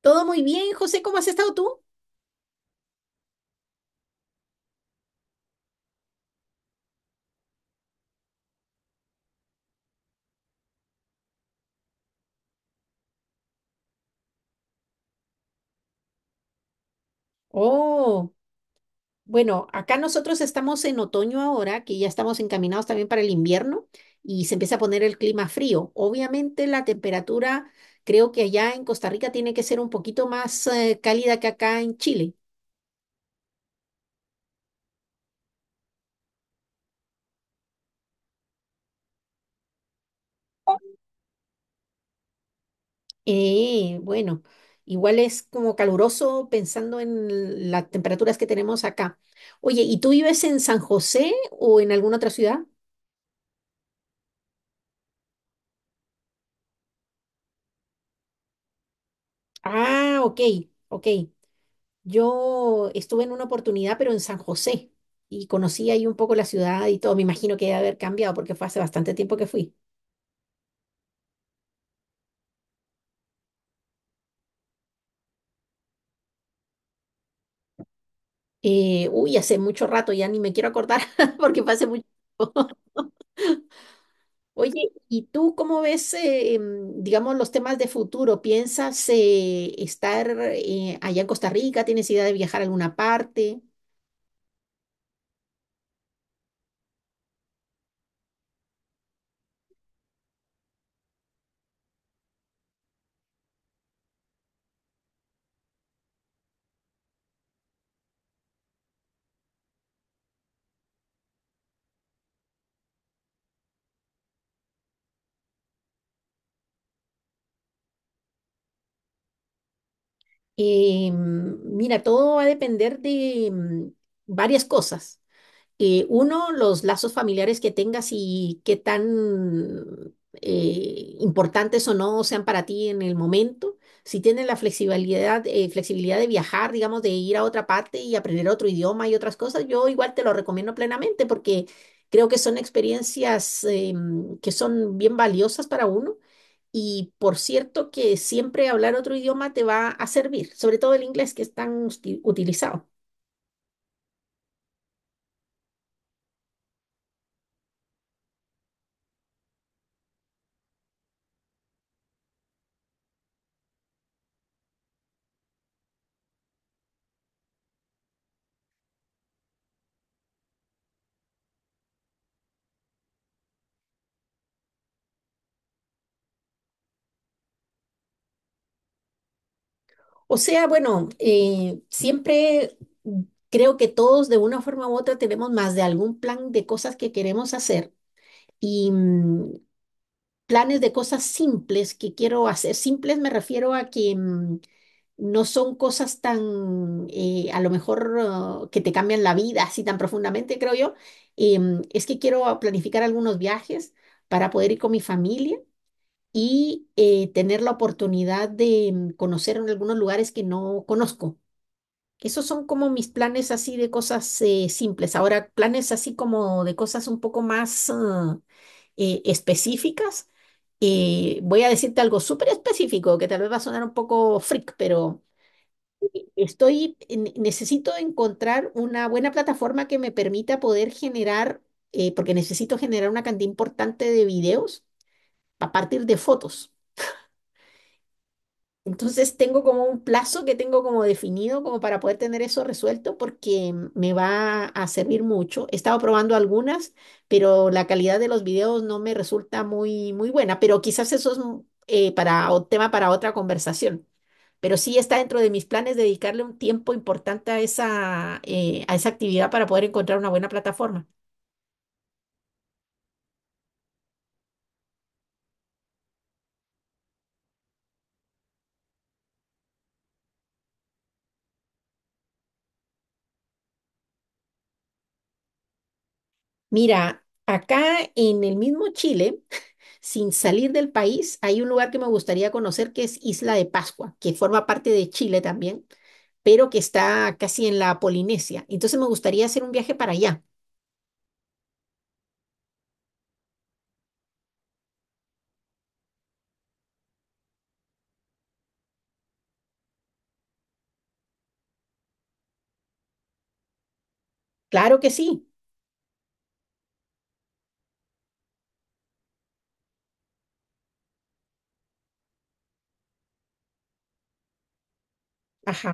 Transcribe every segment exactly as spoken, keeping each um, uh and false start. Todo muy bien, José, ¿cómo has estado tú? Oh, bueno, acá nosotros estamos en otoño ahora, que ya estamos encaminados también para el invierno y se empieza a poner el clima frío. Obviamente la temperatura, creo que allá en Costa Rica tiene que ser un poquito más eh, cálida que acá en Chile. Eh, bueno, igual es como caluroso pensando en las temperaturas que tenemos acá. Oye, ¿y tú vives en San José o en alguna otra ciudad? Ah, ok, ok. Yo estuve en una oportunidad, pero en San José, y conocí ahí un poco la ciudad y todo. Me imagino que debe haber cambiado porque fue hace bastante tiempo que fui. Eh, uy, hace mucho rato, ya ni me quiero acordar porque fue hace mucho tiempo. Oye, ¿y tú cómo ves, eh, em, digamos, los temas de futuro? ¿Piensas eh, estar eh, allá en Costa Rica? ¿Tienes idea de viajar a alguna parte? Em, mira, todo va a depender de em, varias cosas. Eh, uno, los lazos familiares que tengas y qué tan eh, importantes o no sean para ti en el momento. Si tienes la flexibilidad, eh, flexibilidad de viajar, digamos, de ir a otra parte y aprender otro idioma y otras cosas, yo igual te lo recomiendo plenamente porque creo que son experiencias eh, que son bien valiosas para uno. Y por cierto que siempre hablar otro idioma te va a servir, sobre todo el inglés que es tan usti- utilizado. O sea, bueno, eh, siempre creo que todos de una forma u otra tenemos más de algún plan de cosas que queremos hacer y mm, planes de cosas simples que quiero hacer. Simples me refiero a que mm, no son cosas tan, eh, a lo mejor, ah, que te cambian la vida así tan profundamente, creo yo. Em, es que quiero ah, planificar algunos viajes para poder ir con mi familia y eh, tener la oportunidad de mm, conocer en algunos lugares que no conozco. Esos son como mis planes así de cosas eh, simples. Ahora, planes así como de cosas un poco más ah, eh, específicas. Eh, voy a decirte algo súper específico que tal vez va a sonar un poco freak, pero estoy, en- necesito encontrar una buena plataforma que me permita poder generar, eh, porque necesito generar una cantidad importante de videos a partir de fotos. Entonces tengo como un plazo que tengo como definido como para poder tener eso resuelto porque me va a servir mucho. He estado probando algunas, pero la calidad de los videos no me resulta muy, muy buena, pero quizás eso es un, eh, para, o- tema para otra conversación. Pero sí está dentro de mis planes dedicarle un tiempo importante a esa, eh, a esa actividad para poder encontrar una buena plataforma. Mira, acá en el mismo Chile. Sin salir del país, hay un lugar que me gustaría conocer que es Isla de Pascua, que forma parte de Chile también, pero que está casi en la Polinesia. Entonces me gustaría hacer un viaje para allá. Claro que sí. Ajá.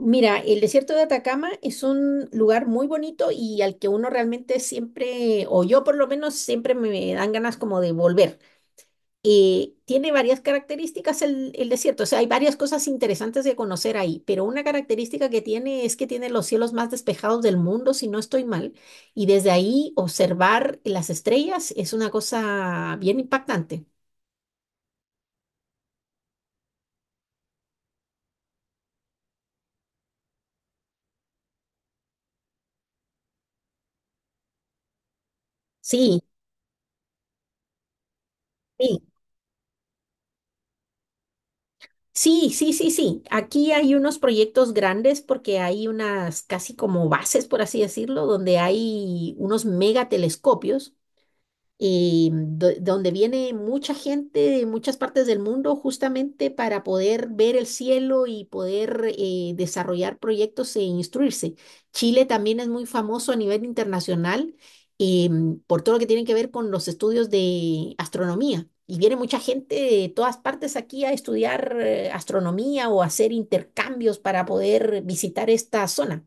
Mira, el desierto de Atacama es un lugar muy bonito y al que uno realmente siempre, o yo por lo menos, siempre me dan ganas como de volver. Eh, tiene varias características el, el desierto, o sea, hay varias cosas interesantes de conocer ahí, pero una característica que tiene es que tiene los cielos más despejados del mundo, si no estoy mal, y desde ahí observar las estrellas es una cosa bien impactante. Sí, sí. Sí, sí, sí, sí. Aquí hay unos proyectos grandes porque hay unas casi como bases, por así decirlo, donde hay unos megatelescopios eh, do- donde viene mucha gente de muchas partes del mundo justamente para poder ver el cielo y poder eh, desarrollar proyectos e instruirse. Chile también es muy famoso a nivel internacional eh, por todo lo que tiene que ver con los estudios de astronomía. Y viene mucha gente de todas partes aquí a estudiar eh, astronomía o hacer intercambios para poder visitar esta zona.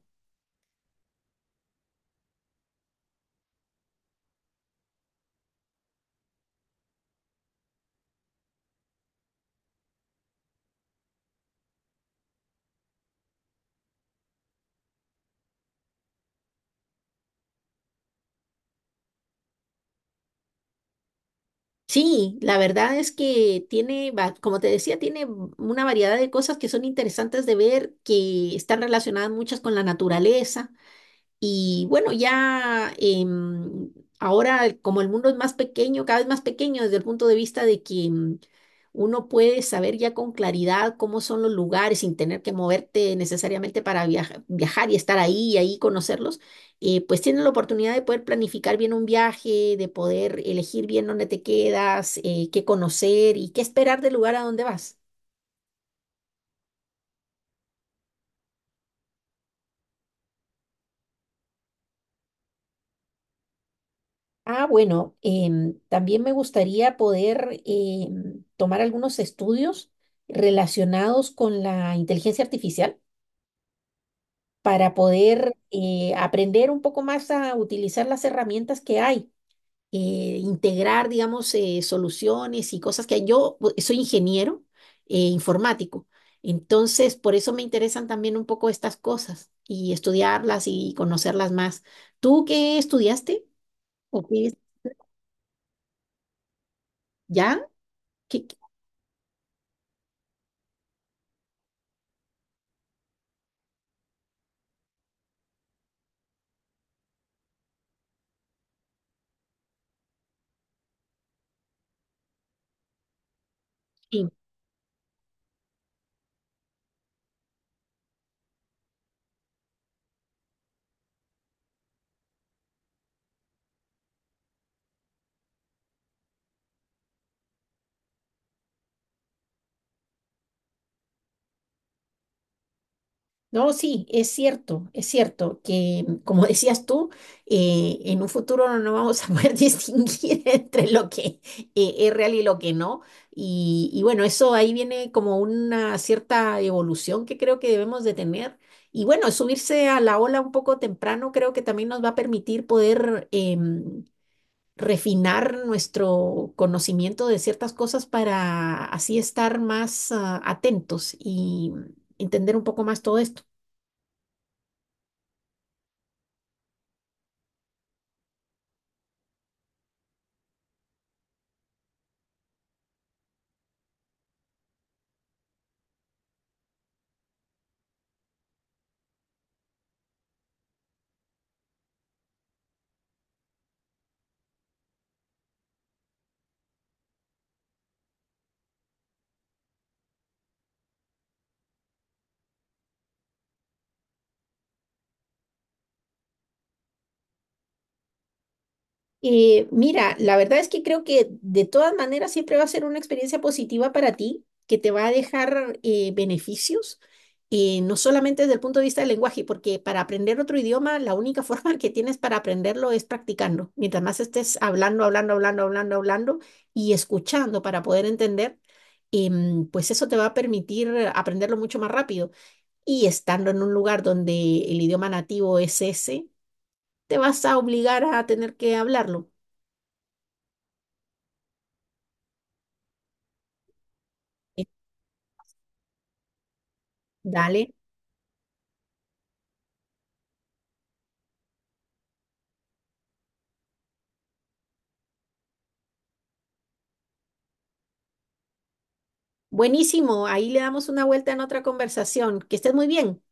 Sí, la verdad es que tiene, va- como te decía, tiene una variedad de cosas que son interesantes de ver, que están relacionadas muchas con la naturaleza. Y bueno, ya em, ahora como el mundo es más pequeño, cada vez más pequeño desde el punto de vista de que em, uno puede saber ya con claridad cómo son los lugares sin tener que moverte necesariamente para viaja- viajar y estar ahí y ahí conocerlos, eh, pues tienes la oportunidad de poder planificar bien un viaje, de poder elegir bien dónde te quedas, eh, qué conocer y qué esperar del lugar a donde vas. Ah, bueno, em, también me gustaría poder em, tomar algunos estudios relacionados con la inteligencia artificial para poder eh, aprender un poco más a utilizar las herramientas que hay, eh, integrar, digamos, eh, soluciones y cosas que hay. Yo bu- soy ingeniero eh, informático, entonces por eso me interesan también un poco estas cosas y estudiarlas y conocerlas más. ¿Tú qué estudiaste? ¿O qué es- ¿Ya? ¿Qué- qué- No, sí, es cierto, es cierto que, mm, como decías tú, eh, en un futuro no no vamos a poder distinguir entre lo que eh, es real y lo que no. Y, y bueno, eso ahí viene como una cierta evolución que creo que debemos de tener. Y bueno, subirse a la ola un poco temprano creo que también nos va a permitir poder em, refinar nuestro conocimiento de ciertas cosas para así estar más ah, atentos y entender un poco más todo esto. Eh, mira, la verdad es que creo que de todas maneras siempre va a ser una experiencia positiva para ti, que te va a dejar eh, beneficios, eh, no solamente desde el punto de vista del lenguaje, porque para aprender otro idioma, la única forma que tienes para aprenderlo es practicando. Mientras más estés hablando, hablando, hablando, hablando, hablando y escuchando para poder entender, em, pues eso te va a permitir eh, aprenderlo mucho más rápido. Y estando en un lugar donde el idioma nativo es ese, te vas a obligar a tener que hablarlo. Dale. Buenísimo. Ahí le damos una vuelta en otra conversación. Que estés muy bien.